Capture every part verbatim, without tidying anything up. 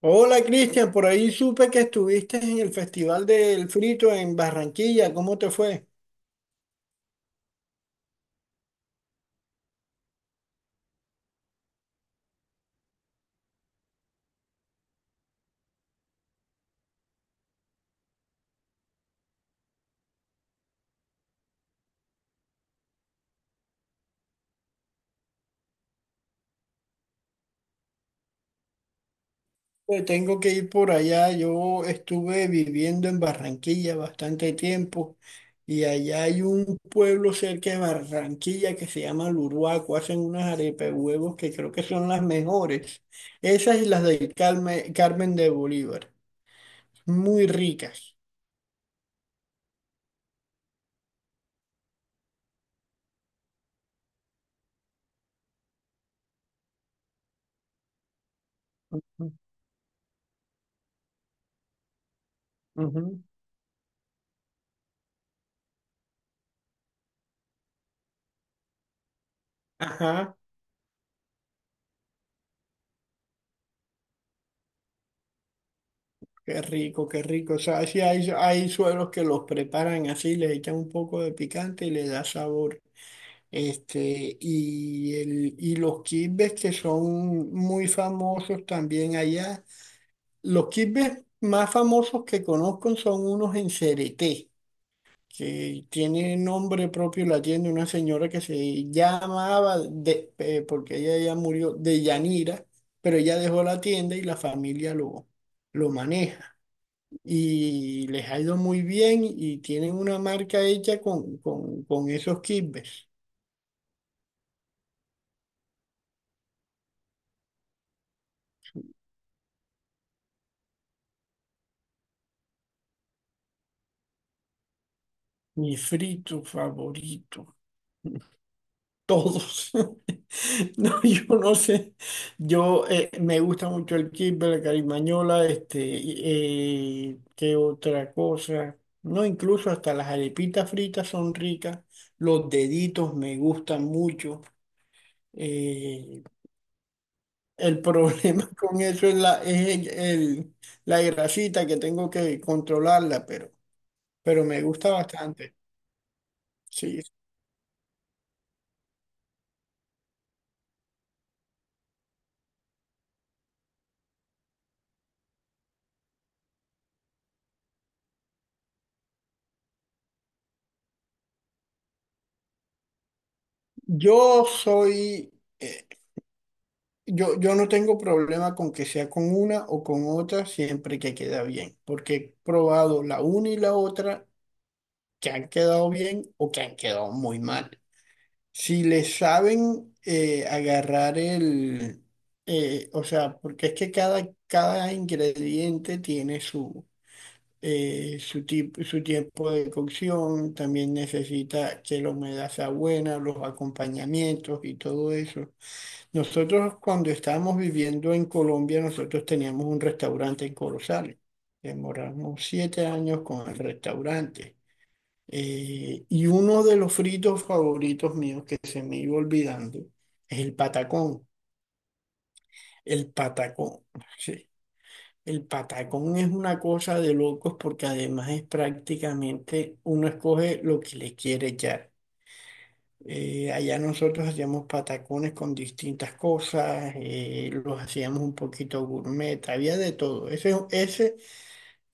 Hola Cristian, por ahí supe que estuviste en el Festival del Frito en Barranquilla. ¿Cómo te fue? Pues tengo que ir por allá. Yo estuve viviendo en Barranquilla bastante tiempo y allá hay un pueblo cerca de Barranquilla que se llama Luruaco. Hacen unas arepas de huevos que creo que son las mejores. Esas y las del Carmen, Carmen de Bolívar. Muy ricas. Ujú. Ajá. Qué rico, qué rico. O sea, sí hay, hay sueros que los preparan así, le echan un poco de picante y le da sabor. Este, y, el, y los quimbes que son muy famosos también allá. Los quimbes más famosos que conozco son unos en Cereté, que tiene nombre propio la tienda, una señora que se llamaba, de, eh, porque ella ya murió, de Yanira, pero ella dejó la tienda y la familia lo, lo maneja y les ha ido muy bien y tienen una marca hecha con, con, con, esos kibbes. Mi frito favorito, todos. No, yo no sé. Yo eh, me gusta mucho el kibbe, la carimañola, este, eh, qué otra cosa. No, incluso hasta las arepitas fritas son ricas. Los deditos me gustan mucho. Eh, El problema con eso es la, es el, el- la grasita que tengo que controlarla, pero, pero me gusta bastante. Sí. Yo soy, eh, yo, yo no tengo problema con que sea con una o con otra siempre que queda bien, porque he probado la una y la otra que han quedado bien o que han quedado muy mal. Si le saben eh, agarrar el, eh, o sea, porque es que cada, cada ingrediente tiene su eh, su, ti- su tiempo de cocción, también necesita que la humedad sea buena, los acompañamientos y todo eso. Nosotros cuando estábamos viviendo en Colombia, nosotros teníamos un restaurante en Corozal. Demoramos siete años con el restaurante. Eh, y uno de los fritos favoritos míos que se me iba olvidando es el patacón. El patacón. El patacón es una cosa de locos porque además es prácticamente uno escoge lo que le quiere echar. Eh, allá nosotros hacíamos patacones con distintas cosas, eh, los hacíamos un poquito gourmet, había de todo. Ese, ese,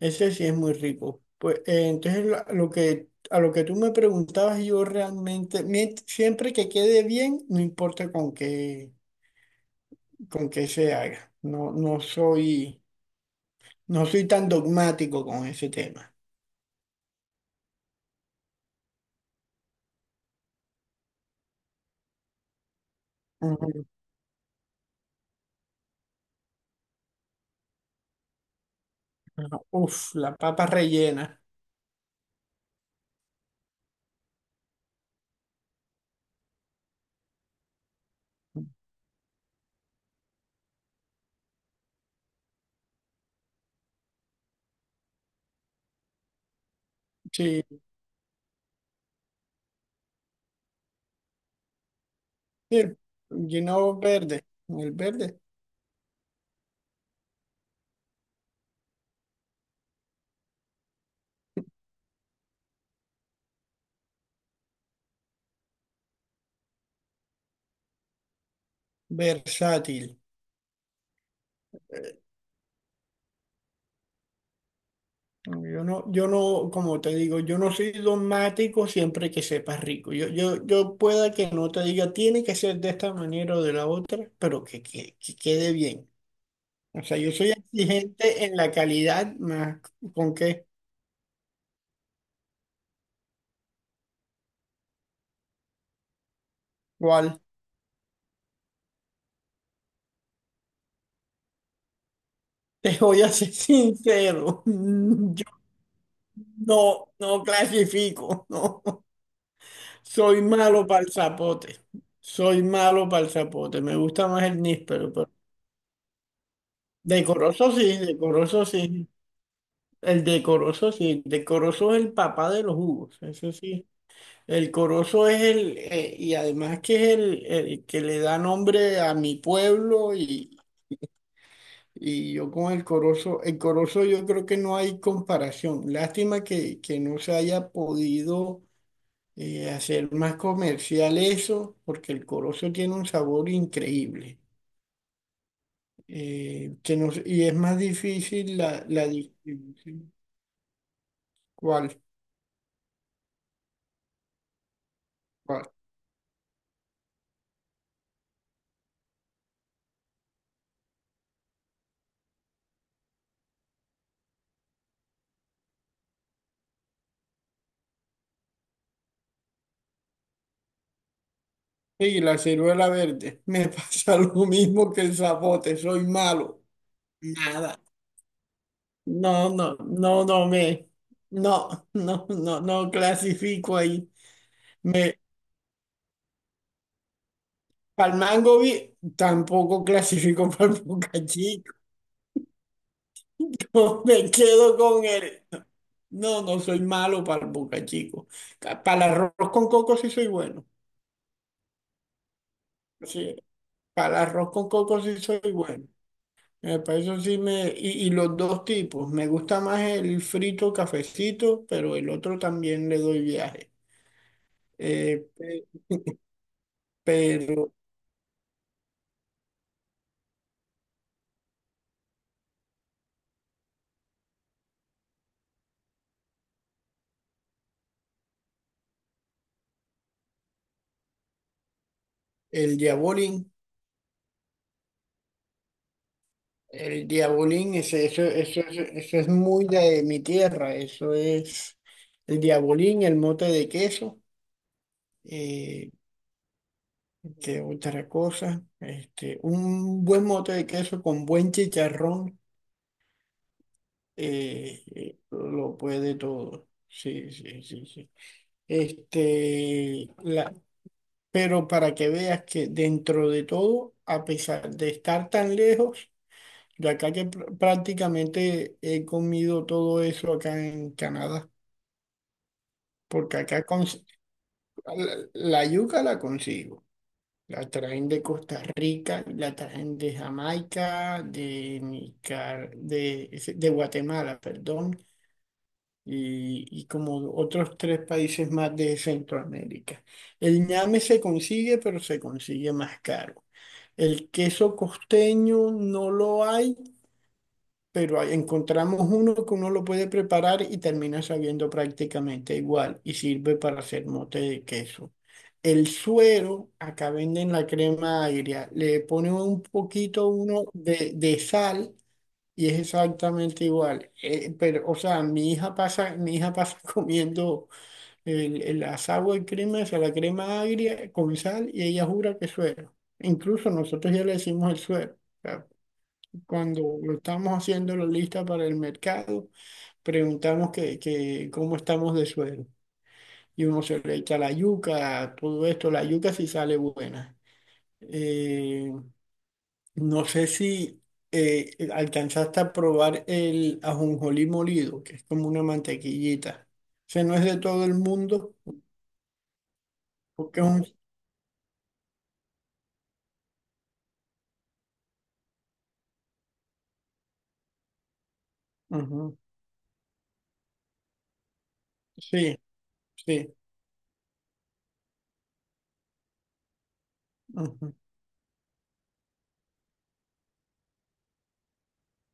ese sí es muy rico. Pues eh, entonces la- lo que, a lo que tú me preguntabas, yo realmente, mient- siempre que quede bien, no importa con qué, con qué, se haga. No, no soy, no soy tan dogmático con ese tema. Ajá. Uf, la papa rellena. Sí, sí, lleno verde, el verde, versátil. Eh, Yo no, yo no, como te digo, yo no soy dogmático siempre que sepas rico. Yo, yo, yo pueda que no te diga, tiene que ser de esta manera o de la otra, pero que, que, que quede bien. O sea, yo soy exigente en la calidad, más con qué, cuál. Te voy a ser sincero, yo no, no clasifico, no. Soy malo para el zapote. Soy malo para el zapote. Me gusta más el níspero, pero decoroso sí, decoroso sí. El decoroso sí. Decoroso es el papá de los jugos, eso sí. El corozo es el, eh, y además que es el, el que le da nombre a mi pueblo y, y yo con el corozo, el corozo yo creo que no hay comparación. Lástima que, que no se haya podido eh, hacer más comercial eso, porque el corozo tiene un sabor increíble. eh, que no, sé- y es más difícil la, la distribución. ¿Cuál? ¿Cuál? Sí, la ciruela verde. Me pasa lo mismo que el zapote, soy malo. Nada. No, no, no, no me. No, no, no, no clasifico ahí. Me, para el mango vi- tampoco clasifico para el bocachico. Me quedo con él. No, no soy malo para el bocachico. Ca- Para el arroz con coco sí soy bueno. Sí, para el arroz con coco sí soy bueno. Eh, Para eso sí me... Y, y los dos tipos. Me gusta más el frito cafecito, pero el otro también le doy viaje. Eh, pe- pero el diabolín, el diabolín, ese, eso, eso, eso, eso es muy de mi tierra. Eso es el diabolín, el mote de queso. eh, ¿Qué otra cosa? Este, un buen mote de queso con buen chicharrón eh, eh, lo puede todo. Sí, sí, sí, sí. Este, la, pero para que veas que dentro de todo, a pesar de estar tan lejos, yo acá que pr- prácticamente he comido todo eso acá en Canadá, porque acá cons- la la yuca la consigo. La traen de Costa Rica, la traen de Jamaica, de, Nicar de, de Guatemala, perdón, y, y como otros tres países más de Centroamérica. El ñame se consigue, pero se consigue más caro. El queso costeño no lo hay pero ahí encontramos uno que uno lo puede preparar y termina sabiendo prácticamente igual y sirve para hacer mote de queso. El suero, acá venden la crema agria, le ponen un poquito uno de, de sal y es exactamente igual. Eh, pero, o sea, mi hija pasa, mi hija pasa comiendo el, el asagua de crema, o sea, la crema agria con sal y ella jura que es suero. Incluso nosotros ya le decimos el suero. O sea, cuando estamos haciendo la lista para el mercado, preguntamos que, que cómo estamos de suero. Y uno se le echa la yuca, todo esto, la yuca sí sale buena. Eh, no sé si eh, alcanzaste a probar el ajonjolí molido, que es como una mantequillita. Ese no es de todo el mundo, porque es un... ujú, sí, sí. ujú.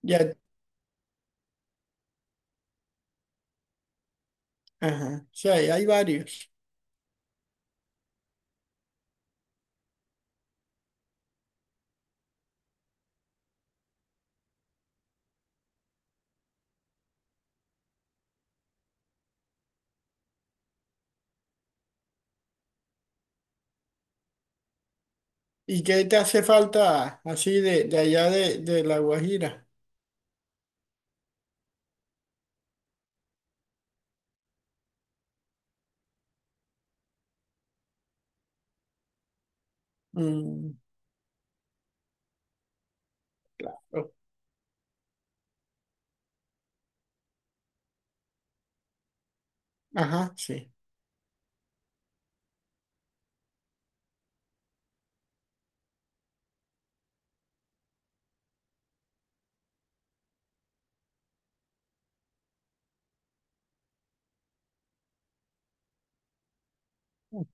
Ya, ajá. Sí, hay hay varios. ¿Y qué te hace falta así de, de allá de, de La Guajira? Mm, claro. Ajá, sí.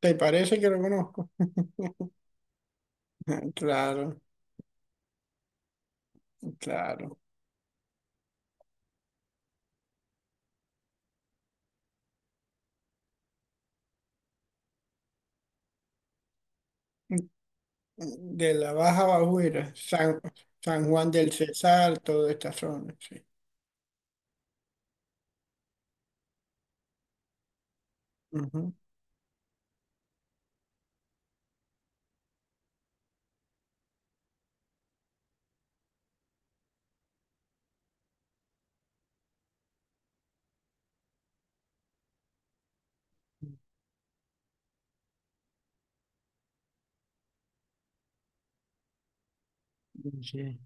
¿Te parece que lo conozco? Claro, claro. De la Baja Bajuera, San, San Juan del Cesar, toda esta zona, sí. Ujú, sí.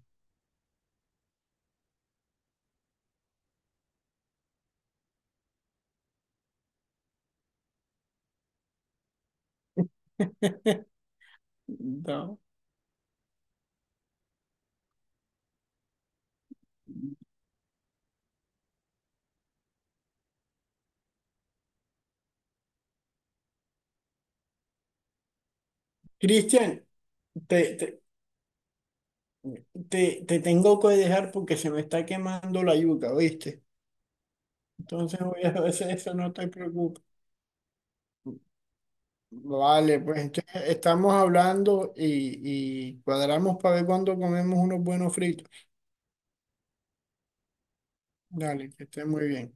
No. Cristian, te, te, te, te tengo que dejar porque se me está quemando la yuca, ¿viste? Entonces voy a hacer eso, no te preocupes. Vale, pues entonces estamos hablando y, y cuadramos para ver cuándo comemos unos buenos fritos. Dale, que esté muy bien.